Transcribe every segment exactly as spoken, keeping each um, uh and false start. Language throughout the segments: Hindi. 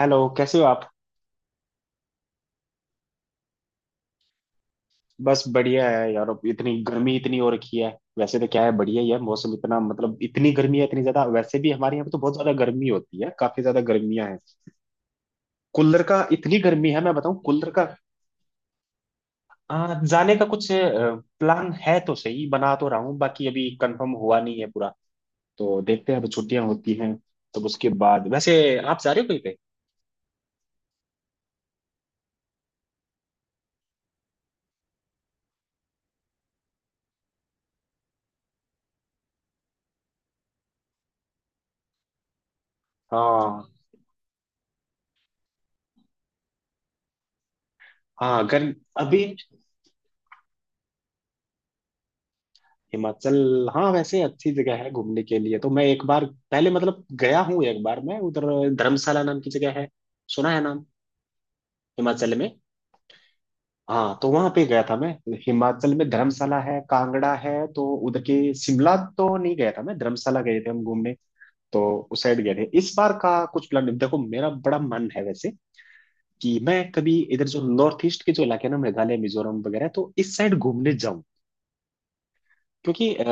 हेलो, कैसे हो आप। बस बढ़िया है यार। अब इतनी गर्मी इतनी हो रखी है। वैसे तो क्या है, बढ़िया ही है मौसम, इतना मतलब इतनी गर्मी है, इतनी ज्यादा। वैसे भी हमारे यहाँ पे तो बहुत ज्यादा गर्मी होती है, काफी ज्यादा गर्मियां हैं। कूलर का, इतनी गर्मी है, मैं बताऊं, कूलर का। आ, जाने का कुछ प्लान है तो सही, बना तो रहा हूँ, बाकी अभी कंफर्म हुआ नहीं है पूरा। तो देखते हैं, अब छुट्टियां होती हैं तो उसके बाद। वैसे आप जा रहे हो कहीं पे। हाँ। हाँ गर्म। अभी हिमाचल, हाँ वैसे अच्छी जगह है घूमने के लिए। तो मैं एक बार पहले मतलब गया हूँ, एक बार मैं उधर। धर्मशाला नाम की जगह है, सुना है नाम, हिमाचल में। हाँ तो वहां पे गया था मैं। हिमाचल में धर्मशाला है, कांगड़ा है, तो उधर के शिमला तो नहीं गया था मैं, धर्मशाला गए थे हम घूमने। तो उस साइड गए थे। इस बार का कुछ प्लान, देखो, मेरा बड़ा मन है वैसे कि मैं कभी इधर जो नॉर्थ ईस्ट के जो इलाके हैं ना, मेघालय मिजोरम वगैरह, तो इस साइड घूमने जाऊं। क्योंकि अ,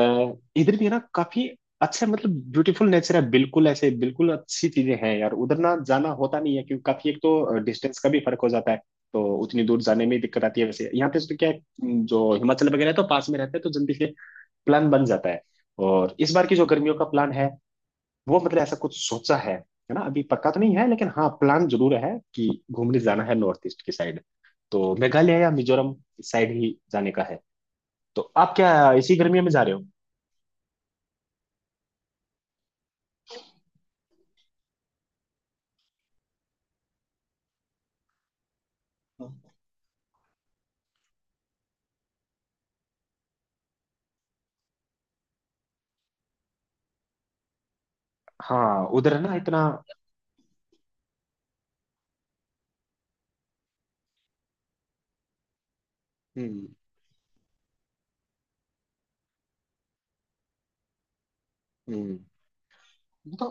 इधर भी है ना काफी अच्छा, मतलब ब्यूटीफुल नेचर है बिल्कुल, ऐसे बिल्कुल अच्छी चीजें हैं यार। उधर ना जाना होता नहीं है क्योंकि काफी, एक तो डिस्टेंस का भी फर्क हो जाता है, तो उतनी दूर जाने में ही दिक्कत आती है। वैसे यहाँ पे तो क्या है, जो हिमाचल वगैरह है तो पास में रहता है तो जल्दी से प्लान बन जाता है। और इस बार की जो गर्मियों का प्लान है, वो मतलब ऐसा कुछ सोचा है है ना, अभी पक्का तो नहीं है लेकिन हाँ प्लान जरूर है कि घूमने जाना है नॉर्थ ईस्ट की साइड। तो मेघालय या मिजोरम साइड ही जाने का है। तो आप क्या इसी गर्मियों में जा रहे हो। हाँ उधर है ना इतना। हम्म। हम्म। तो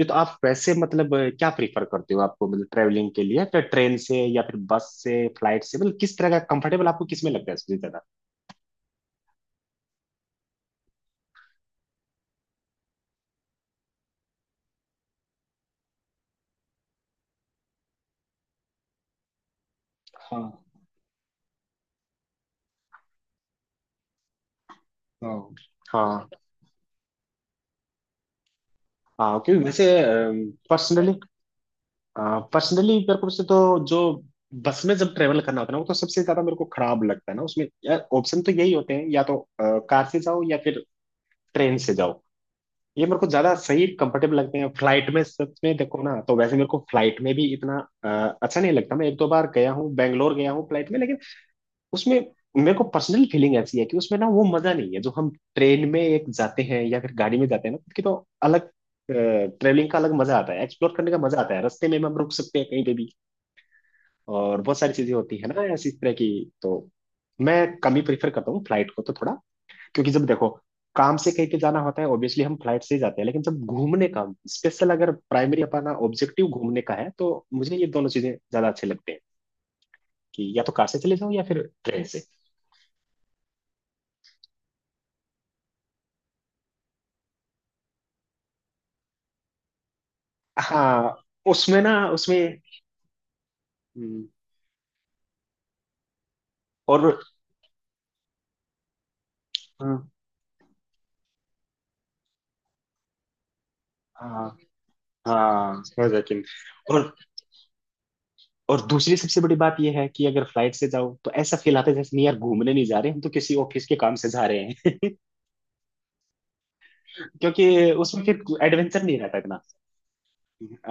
ये तो आप वैसे मतलब अ, क्या प्रीफर करते हो, आपको मतलब ट्रेवलिंग के लिए फिर ट्रेन से या फिर बस से, फ्लाइट से, मतलब किस तरह का कंफर्टेबल आपको किस में लगता है सबसे ज्यादा। हाँ। हाँ। हाँ। हाँ, क्योंकि वैसे पर्सनली पर्सनली मेरे को वैसे तो जो बस में जब ट्रेवल करना होता है ना, वो तो सबसे ज्यादा मेरे को खराब लगता है ना उसमें यार। ऑप्शन तो यही होते हैं, या तो अ, कार से जाओ या फिर ट्रेन से जाओ। ये मेरे को ज्यादा सही कंफर्टेबल लगते हैं। फ्लाइट में सच में देखो ना तो वैसे मेरे को फ्लाइट में भी इतना अ, अच्छा नहीं लगता। मैं एक दो बार गया हूँ, बैंगलोर गया हूँ फ्लाइट में, लेकिन उसमें मेरे को पर्सनल फीलिंग ऐसी है कि उसमें ना वो मजा नहीं है जो हम ट्रेन में एक जाते हैं या फिर गाड़ी में जाते हैं ना, कि तो अलग ट्रेवलिंग का अलग मजा आता है, एक्सप्लोर करने का मजा आता है, रास्ते में हम रुक सकते हैं कहीं पे भी और बहुत सारी चीजें होती है ना ऐसी तरह की। तो मैं कम ही प्रेफर करता हूँ फ्लाइट को, तो थोड़ा, क्योंकि जब देखो काम से कहीं पे जाना होता है ऑब्वियसली हम फ्लाइट से ही जाते हैं, लेकिन जब घूमने का स्पेशल, अगर प्राइमरी अपना ऑब्जेक्टिव घूमने का है तो मुझे ये दोनों चीजें ज्यादा अच्छे लगते हैं, कि या तो कार से चले जाओ या फिर ट्रेन से। हाँ उसमें ना, उसमें। हम्म। और हाँ। हाँ। हाँ, समझ यकीन। और और दूसरी सबसे बड़ी बात यह है कि अगर फ्लाइट से जाओ तो ऐसा फील आता है जैसे नहीं यार घूमने नहीं जा रहे हम तो, किसी ऑफिस के काम से जा रहे हैं। क्योंकि उसमें फिर एडवेंचर नहीं रहता।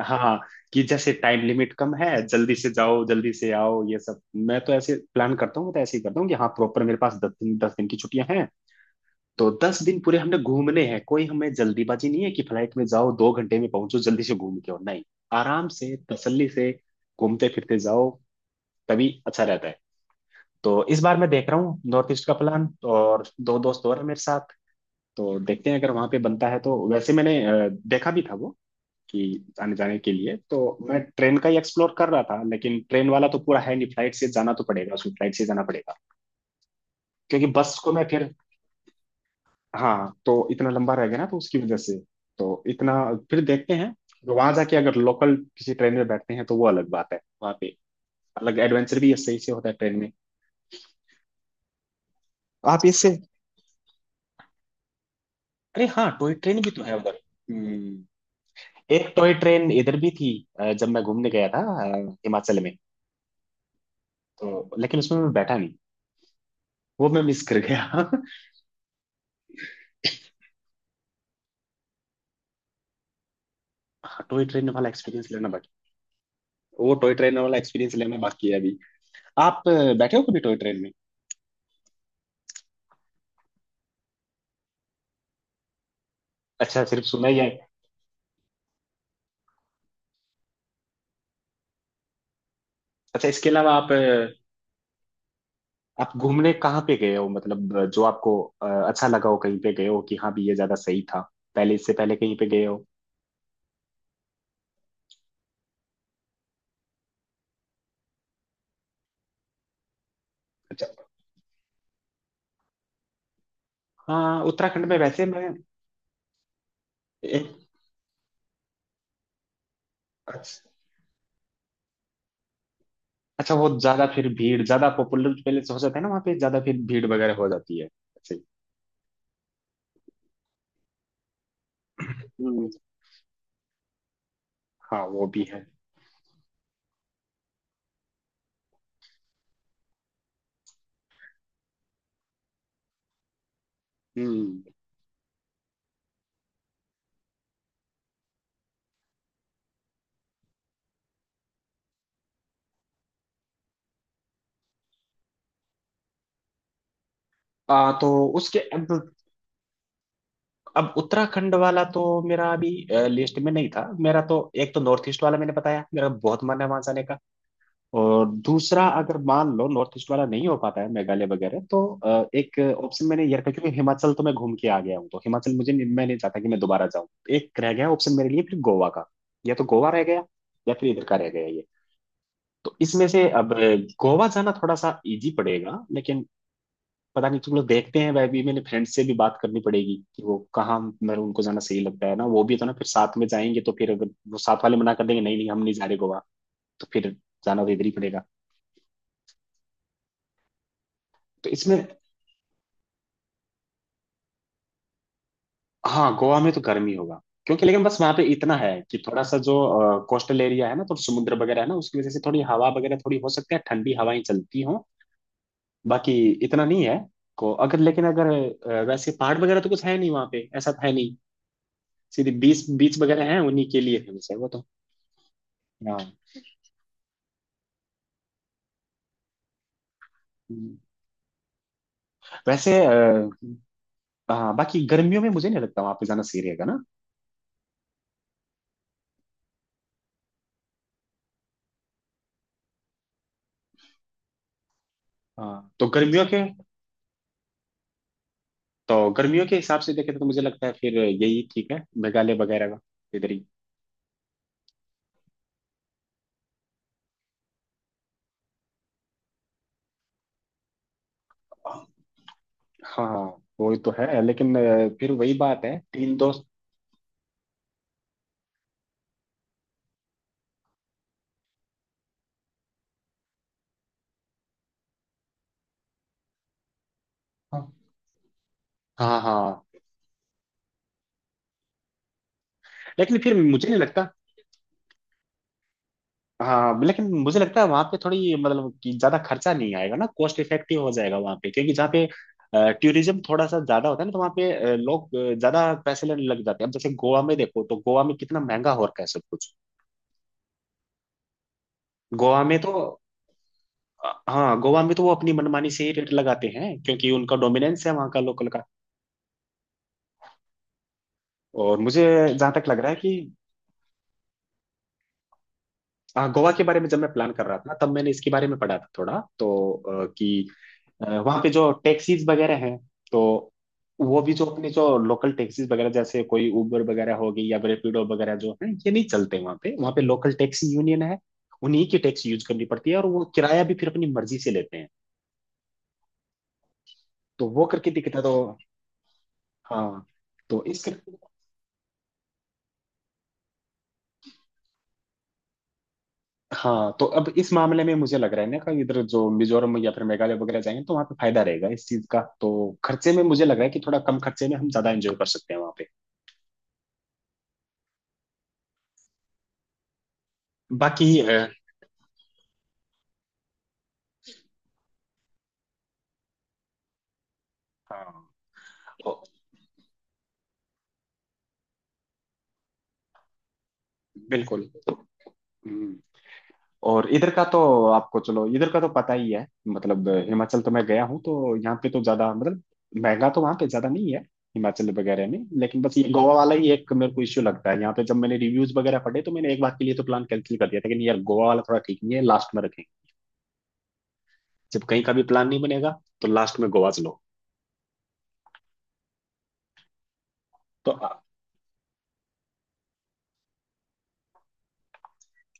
हाँ कि जैसे टाइम लिमिट कम है, जल्दी से जाओ जल्दी से आओ ये सब। मैं तो ऐसे प्लान करता हूँ, मैं तो ऐसे ही करता हूँ कि हाँ प्रॉपर मेरे पास दस दिन, दस दिन की छुट्टियां हैं, तो दस दिन पूरे हमने घूमने हैं, कोई हमें जल्दीबाजी नहीं है कि फ्लाइट में जाओ दो घंटे में पहुंचो जल्दी से घूम के आओ। नहीं, आराम से तसल्ली से घूमते फिरते जाओ तभी अच्छा रहता है। तो इस बार मैं देख रहा हूँ नॉर्थ ईस्ट का प्लान। और दो दोस्त और हैं मेरे साथ। तो देखते हैं, अगर वहां पे बनता है तो। वैसे मैंने अ, देखा भी था वो कि आने जाने के लिए तो मैं ट्रेन का ही एक्सप्लोर कर रहा था, लेकिन ट्रेन वाला तो पूरा है नहीं, फ्लाइट से जाना तो पड़ेगा, उसमें फ्लाइट से जाना पड़ेगा, क्योंकि बस को मैं फिर। हाँ तो इतना लंबा रह गया ना, तो उसकी वजह से, तो इतना, फिर देखते हैं। वहां जाके अगर लोकल किसी ट्रेन में बैठते हैं तो वो अलग बात है, वहाँ पे अलग एडवेंचर भी सही से होता है ट्रेन में। आप इससे, अरे हाँ टॉय ट्रेन भी तो है उधर। हम्म। एक टॉय ट्रेन इधर भी थी, अ, जब मैं घूमने गया था अ, हिमाचल में, तो लेकिन उसमें मैं बैठा नहीं, वो मैं मिस कर गया। टॉय ट्रेन वाला एक्सपीरियंस लेना बाकी, वो टॉय ट्रेन वाला एक्सपीरियंस लेना बाकी है अभी। आप अ, बैठे हो कभी टॉय ट्रेन में। अच्छा, सिर्फ सुना ही है। अच्छा इसके अलावा आप अ, आप घूमने कहाँ पे गए हो, मतलब अ, जो आपको अ, अच्छा लगा हो कहीं पे गए हो कि हाँ भी ये ज्यादा सही था, पहले इससे पहले कहीं पे गए हो। अच्छा। हाँ उत्तराखंड में वैसे मैं एक। अच्छा। अच्छा, वो ज्यादा फिर भीड़, ज्यादा पॉपुलर पहले से हो जाता है ना वहाँ पे, ज्यादा फिर भीड़ वगैरह हो जाती है ऐसे ही। हम्म। हाँ वो भी है। हम्म। आ, तो उसके अब अब उत्तराखंड वाला तो मेरा अभी लिस्ट में नहीं था, मेरा तो एक तो नॉर्थ ईस्ट वाला मैंने बताया, मेरा बहुत मन है वहां जाने का। और दूसरा, अगर मान लो नॉर्थ ईस्ट वाला नहीं हो पाता है मेघालय वगैरह तो अ, एक ऑप्शन मैंने ये रखा, क्योंकि हिमाचल तो मैं घूम के आ गया हूँ तो हिमाचल मुझे नहीं- मैं नहीं चाहता कि मैं दोबारा जाऊँ। एक रह गया ऑप्शन मेरे लिए फिर, गोवा का। या तो गोवा रह गया या फिर इधर का रह गया ये। तो इसमें से अब अ, गोवा जाना थोड़ा सा इजी पड़ेगा, लेकिन पता नहीं, तुम लोग देखते हैं, वह भी मैंने फ्रेंड से भी बात करनी पड़ेगी कि वो कहाँ मतलब उनको जाना सही लगता है ना, वो भी तो ना फिर साथ में जाएंगे। तो फिर अगर वो साथ वाले मना कर देंगे नहीं नहीं हम नहीं जा रहे गोवा, तो फिर जाना तो इधर ही पड़ेगा। तो इसमें, हाँ गोवा में तो गर्मी होगा, क्योंकि, लेकिन बस वहां पे इतना है कि थोड़ा सा जो कोस्टल एरिया है ना, तो समुद्र वगैरह है ना, उसकी वजह से थोड़ी हवा वगैरह, थोड़ी हो सकती है ठंडी हवाएं चलती हों, बाकी इतना नहीं है। को अगर लेकिन अगर अ, वैसे पहाड़ वगैरह तो कुछ है नहीं वहां पे, ऐसा तो है नहीं। सीधे बीच, बीच वगैरह है, उन्हीं के लिए है वैसे वो तो। हाँ वैसे अ, हाँ बाकी गर्मियों में मुझे नहीं लगता वहां पे जाना सही रहेगा ना। हाँ तो गर्मियों के, तो गर्मियों के हिसाब से देखे तो तो मुझे लगता है फिर यही ठीक है मेघालय वगैरह का, इधर ही। हाँ वही तो है, लेकिन अ, फिर वही बात है, तीन दोस्त। हाँ। हाँ। हाँ। लेकिन फिर मुझे नहीं लगता। हाँ, लेकिन मुझे लगता है वहां पे थोड़ी मतलब कि ज्यादा खर्चा नहीं आएगा ना, कॉस्ट इफेक्टिव हो जाएगा वहां पे, क्योंकि जहाँ पे टूरिज्म थोड़ा सा ज्यादा होता है ना तो वहाँ पे अ, लोग अ, ज्यादा पैसे लेने लग जाते हैं, अब जैसे गोवा में देखो तो गोवा में कितना महंगा हो रखा है सब कुछ। गोवा में तो अ, हाँ गोवा में तो वो अपनी मनमानी से ही रेट लगाते हैं, क्योंकि उनका डोमिनेंस है वहाँ का लोकल का। और मुझे जहां तक लग रहा है कि, हाँ, गोवा के बारे में जब मैं प्लान कर रहा था तब मैंने इसके बारे में पढ़ा था थोड़ा, तो अ, कि वहाँ पे जो टैक्सीज वगैरह हैं, तो वो भी, जो अपने जो लोकल टैक्सीज वगैरह, जैसे कोई उबर वगैरह हो गई या रैपिडो वगैरह जो है, ये नहीं चलते वहाँ पे, वहाँ पे लोकल टैक्सी यूनियन है, उन्हीं की टैक्सी यूज करनी पड़ती है और वो किराया भी फिर अपनी मर्जी से लेते हैं। तो वो करके दिक्कत है तो। हाँ तो इस, हाँ तो अब इस मामले में मुझे लग रहा है ना कि इधर जो मिजोरम या फिर मेघालय वगैरह जाएंगे तो वहाँ पे फायदा रहेगा इस चीज का, तो खर्चे में मुझे लग रहा है कि थोड़ा कम खर्चे में हम ज्यादा एंजॉय कर सकते हैं वहाँ पे। बाकी अ, हाँ तो बिल्कुल। हम्म। और इधर का तो आपको, चलो इधर का तो पता ही है, मतलब हिमाचल तो मैं गया हूँ, तो यहाँ पे तो ज्यादा मतलब महंगा तो वहाँ पे ज्यादा नहीं है हिमाचल वगैरह में लेकिन बस ये गोवा वाला ही एक मेरे को इश्यू लगता है यहाँ पे। जब मैंने रिव्यूज वगैरह पढ़े तो मैंने एक बार के लिए तो प्लान कैंसिल कर दिया था कि नहीं यार, गोवा वाला थोड़ा ठीक नहीं है, लास्ट में रखेंगे। जब कहीं का भी प्लान नहीं बनेगा तो लास्ट में गोवा चलो। तो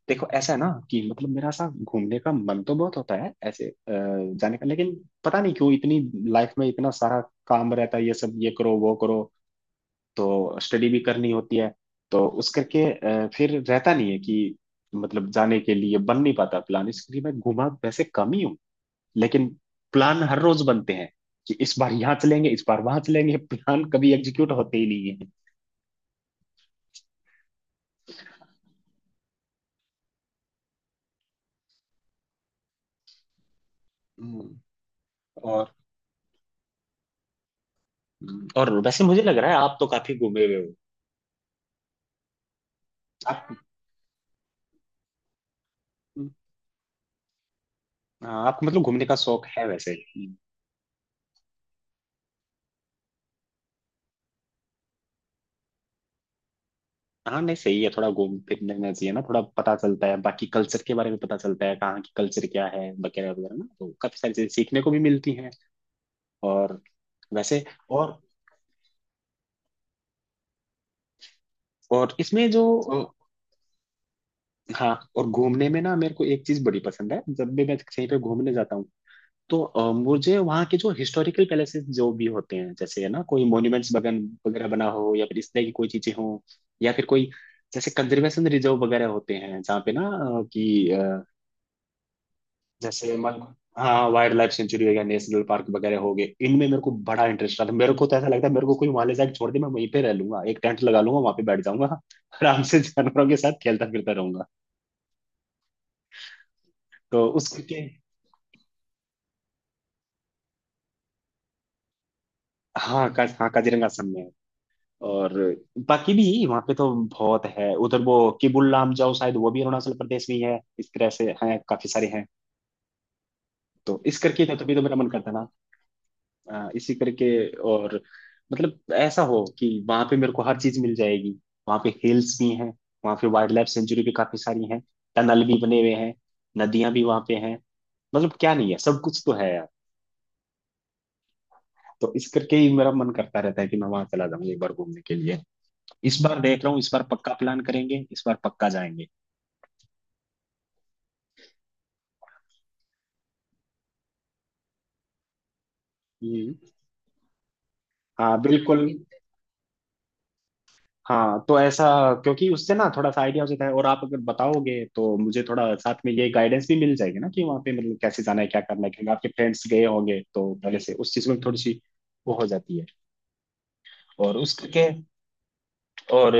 देखो ऐसा है ना कि मतलब मेरा ऐसा घूमने का मन तो बहुत होता है ऐसे अ, जाने का, लेकिन पता नहीं क्यों इतनी लाइफ में इतना सारा काम रहता है, ये सब ये करो वो करो, तो स्टडी भी करनी होती है। तो उस करके अ, फिर रहता नहीं है कि मतलब जाने के लिए बन नहीं पाता प्लान। इसलिए मैं घुमा वैसे कम ही हूँ, लेकिन प्लान हर रोज बनते हैं कि इस बार यहाँ चलेंगे इस बार वहां चलेंगे। प्लान कभी एग्जीक्यूट होते ही नहीं है। हम्म, और और वैसे मुझे लग रहा है आप तो काफी घूमे हुए हो। आप, हाँ, आपको मतलब घूमने का शौक है वैसे। हम्म। हाँ नहीं सही है, थोड़ा घूम फिरने में चाहिए ना, थोड़ा पता चलता है, बाकी कल्चर के बारे में पता चलता है कहाँ की कल्चर क्या है वगैरह वगैरह ना, तो काफी सारी चीजें सीखने को भी मिलती हैं। और वैसे और और इसमें जो अ, हाँ, और घूमने में ना मेरे को एक चीज बड़ी पसंद है। जब भी मैं कहीं पे घूमने जाता हूँ तो अ, मुझे वहाँ के जो हिस्टोरिकल पैलेसेस जो भी होते हैं जैसे है ना, कोई मॉन्यूमेंट्स बगन वगैरह बना हो या फिर इस तरह की कोई चीजें हो, या फिर कोई जैसे कंजर्वेशन रिजर्व वगैरह होते हैं जहाँ पे ना अ, कि अ, जैसे मन हाँ वाइल्ड लाइफ सेंचुरी हो गया, नेशनल पार्क वगैरह हो गए, इनमें मेरे को बड़ा इंटरेस्ट आता है। मेरे को तो ऐसा लगता है मेरे को कोई वहां ले जाके छोड़ दे, मैं वहीं पे रह लूंगा, एक टेंट लगा लूंगा वहां पे बैठ जाऊंगा, आराम से जानवरों के साथ खेलता फिरता रहूंगा। तो उसके हाँ का, हाँ काजीरंगा असम में है। और बाकी भी वहां पे तो बहुत है, उधर वो किबुल लामजाओ शायद वो भी अरुणाचल प्रदेश में ही है, इस तरह से हैं काफी सारे हैं। तो इस करके तो तभी तो मेरा मन करता ना, अ, इसी करके। और मतलब ऐसा हो कि वहां पे मेरे को हर चीज मिल जाएगी। वहां पे हिल्स भी हैं, वहां पे वाइल्ड लाइफ सेंचुरी भी काफी सारी हैं, टनल भी बने हुए हैं, नदियां भी वहां पे हैं। मतलब क्या नहीं है, सब कुछ तो है यार। तो इस करके ही मेरा मन करता रहता है कि मैं वहां चला जाऊं एक बार घूमने के लिए। इस बार देख रहा हूँ, इस बार पक्का प्लान करेंगे, इस बार पक्का जाएंगे। हाँ बिल्कुल। हाँ तो ऐसा, क्योंकि उससे ना थोड़ा सा आइडिया हो जाता है, और आप अगर बताओगे तो मुझे थोड़ा साथ में ये गाइडेंस भी मिल जाएगी ना कि वहाँ पे मतलब कैसे जाना है क्या करना है, क्योंकि आपके फ्रेंड्स गए होंगे तो पहले से उस चीज़ में थोड़ी सी वो हो जाती है। और उस करके और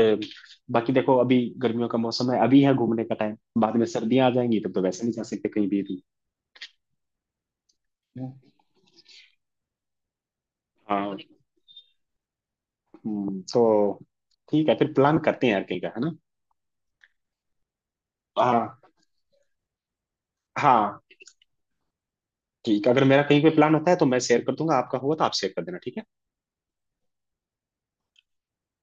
बाकी देखो, अभी गर्मियों का मौसम है, अभी है घूमने का टाइम। बाद में सर्दियाँ आ जाएंगी तब तो वैसे नहीं जा सकते कहीं भी भी। हाँ। हम्म, तो ठीक है, फिर प्लान करते हैं यार कहीं का, है ना। हाँ, हाँ ठीक है, अगर मेरा कहीं पे प्लान होता है तो मैं शेयर कर दूंगा, आपका हुआ तो आप शेयर कर देना, ठीक है।